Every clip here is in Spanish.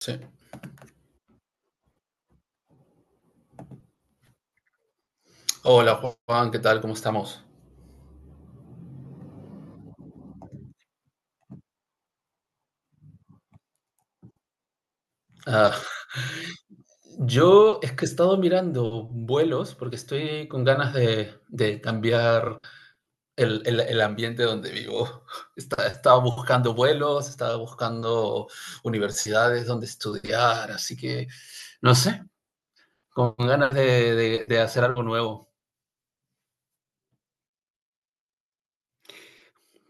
Sí. Hola Juan, ¿qué tal? ¿Cómo estamos? Ah, yo es que he estado mirando vuelos porque estoy con ganas de cambiar el ambiente donde vivo. Estaba buscando vuelos, estaba buscando universidades donde estudiar, así que no sé, con ganas de hacer algo nuevo,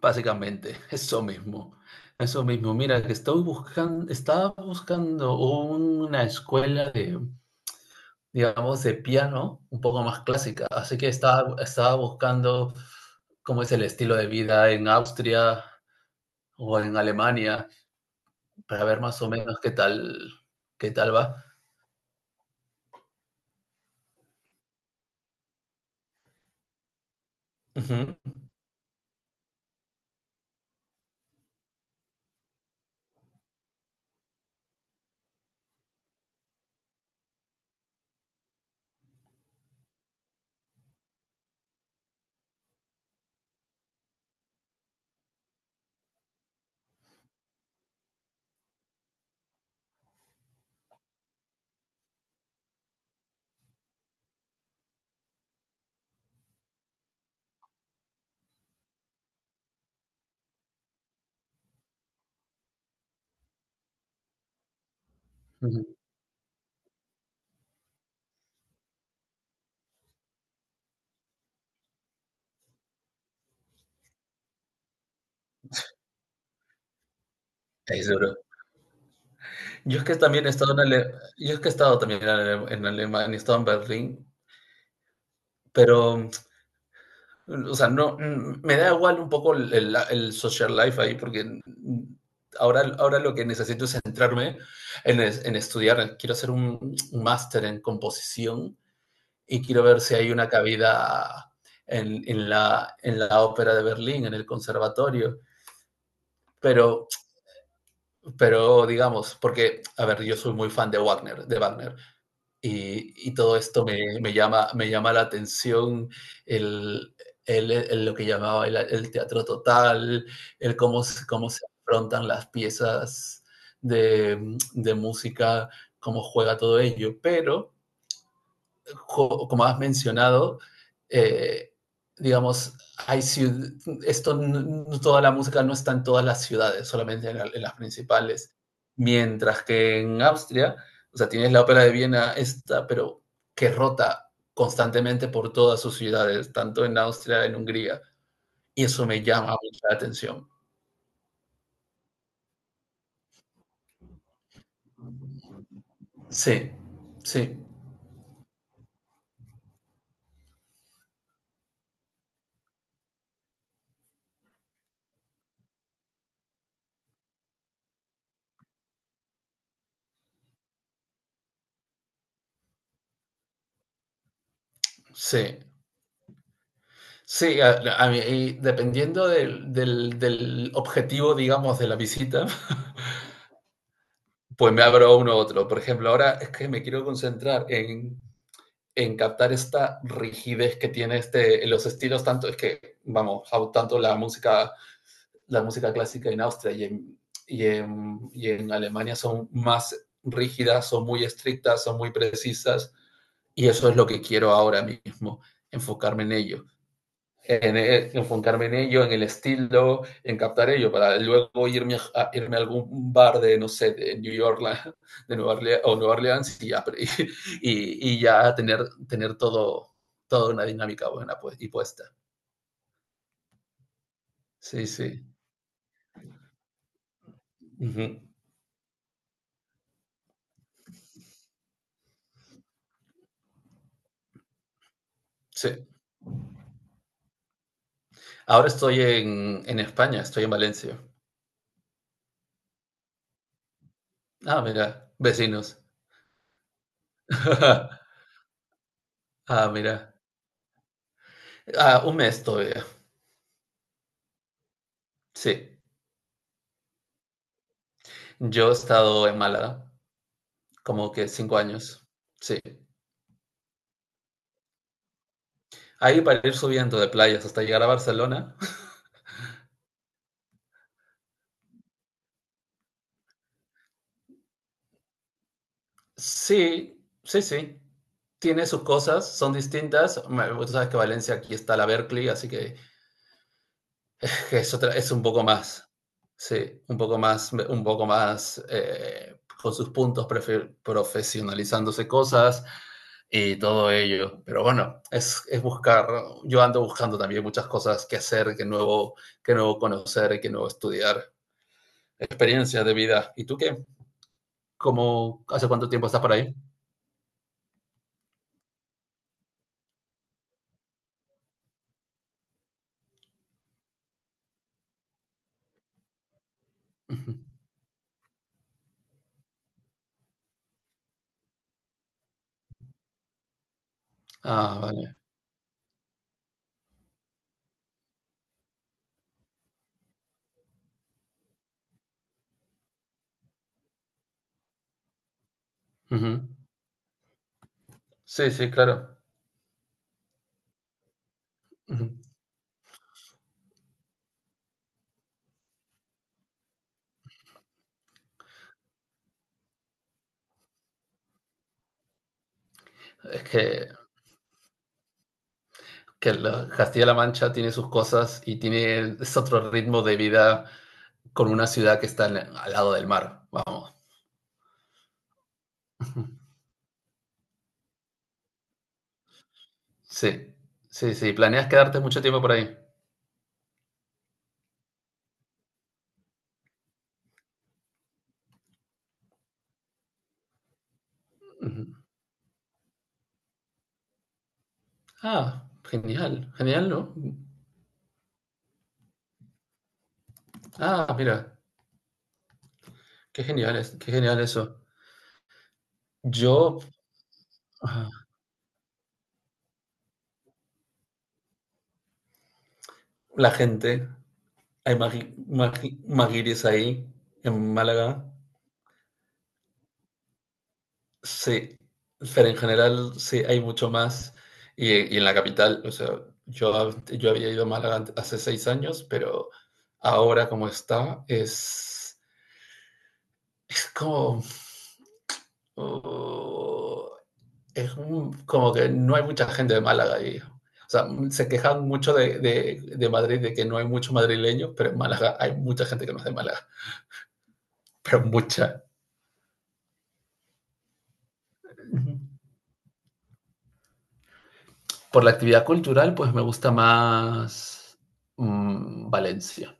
básicamente. Eso mismo, eso mismo. Mira, que estoy buscando, estaba buscando una escuela, digamos, de piano, un poco más clásica. Así que estaba, estaba buscando cómo es el estilo de vida en Austria o en Alemania para ver más o menos qué tal va. Ujú, ujú. Es duro. Yo es que también he estado en yo es que he estado también en, en Alemania, he estado en Berlín, pero o sea, no, me da igual un poco el social life ahí, porque ahora, ahora lo que necesito es centrarme en, en estudiar. Quiero hacer un máster en composición y quiero ver si hay una cabida en la ópera de Berlín, en el conservatorio. Pero, pero digamos, porque, a ver, yo soy muy fan de Wagner, de Wagner. Y todo esto me, me llama la atención, el, lo que llamaba el teatro total, el cómo, cómo se afrontan las piezas de música, cómo juega todo ello. Pero como has mencionado, eh, digamos, hay esto, toda la música no está en todas las ciudades, solamente en, la, en las principales. Mientras que en Austria, o sea, tienes la ópera de Viena esta, pero que rota constantemente por todas sus ciudades, tanto en Austria, en Hungría. Y eso me llama mucho la atención. Sí, sí, sí. Sí, a mí, y dependiendo del objetivo, digamos, de la visita, pues me abro uno u otro. Por ejemplo, ahora es que me quiero concentrar en captar esta rigidez que tiene este, los estilos, tanto es que, vamos, tanto la música clásica en Austria y en, y en Alemania son más rígidas, son muy estrictas, son muy precisas, y eso es lo que quiero ahora mismo, enfocarme en ello en, enfocarme en ello, en el estilo, en captar ello, para luego irme a, irme a algún bar de, no sé, de New York, de Nueva Orleans, o Nueva Orleans y ya, y ya tener, tener todo, toda una dinámica buena pues, y puesta. Sí, sí. Uh -huh. Sí. Ahora estoy en España, estoy en Valencia. Ah, mira, vecinos. Ah, mira. Ah, un mes todavía. Sí. Yo he estado en Málaga como que 5 años. Sí. Ahí para ir subiendo de playas hasta llegar a Barcelona. Sí, sí, sí. Tiene sus cosas, son distintas. Bueno, tú sabes que Valencia aquí está la Berkeley, así que es, otra, es un poco más. Sí, un poco más, un poco más, con sus puntos profesionalizándose cosas y todo ello. Pero bueno, es, buscar, yo ando buscando también muchas cosas que hacer, que nuevo conocer, que nuevo estudiar, experiencias de vida. ¿Y tú qué? ¿Cómo, hace cuánto tiempo estás por ahí? Ujú. Ah, vale. Ujú. Sí, sí, claro. Ujú. Es que Castilla-La Mancha tiene sus cosas y tiene, es otro ritmo de vida con una ciudad que está al lado del mar. Vamos. Ujú. Sí, sí, sí. ¿Planeas quedarte mucho tiempo por ahí? Ujú. Ah, genial, genial, ¿no? Ah, mira, qué genial es, qué genial eso. Yo, ah, la gente, hay maguires ahí en Málaga. Sí, pero en general sí hay mucho más. Y en la capital, o sea, yo, yo había ido a Málaga hace 6 años, pero ahora como está, es como, oh, es como que no hay mucha gente de Málaga ahí. O sea, se quejan mucho de, de Madrid, de que no hay muchos madrileños, pero en Málaga hay mucha gente que no es de Málaga, pero mucha. Ujú. Por la actividad cultural, pues me gusta más, Valencia.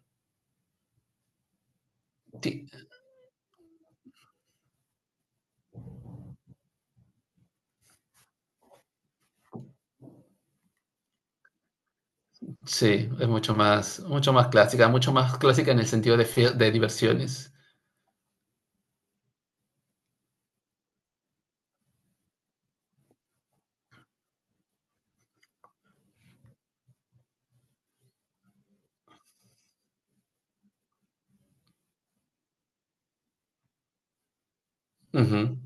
Ti- Sí, es mucho más clásica en el sentido de, de diversiones. Ujú.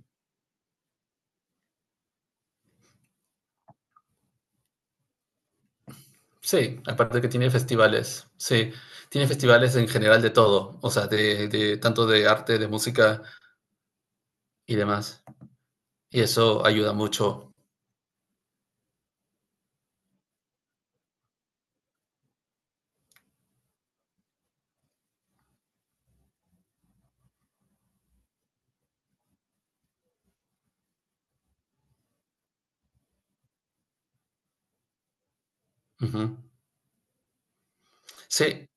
Sí, aparte que tiene festivales, sí, tiene festivales en general de todo, o sea, de tanto de arte, de música y demás. Y eso ayuda mucho. Ujú. Sí,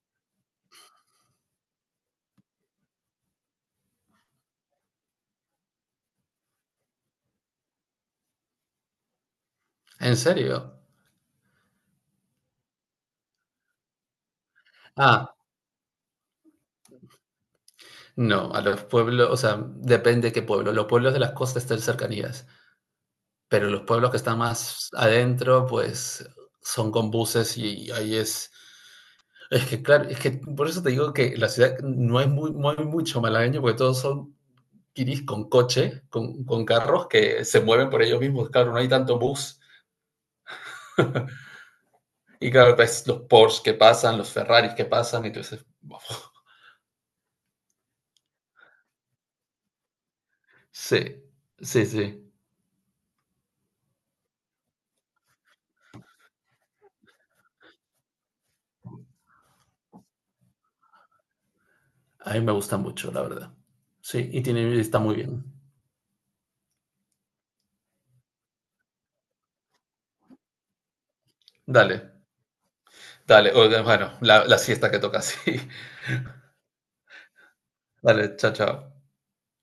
en serio. Ah, no, a los pueblos, o sea, depende qué pueblo. Los pueblos de las costas están cercanías, pero los pueblos que están más adentro, pues son con buses y ahí es. Es que, claro, es que por eso te digo que la ciudad no hay, muy, no hay mucho malagueño, porque todos son kiris con coche, con carros que se mueven por ellos mismos. Claro, no hay tanto bus. Y claro, ves los Porsche que pasan, los Ferraris que pasan, y tú dices, "Wow". Sí, sí, sí. A mí me gusta mucho, la verdad. Sí, y tiene, está muy bien. Dale, dale. Bueno, la siesta que toca, sí. Dale, chao, chao.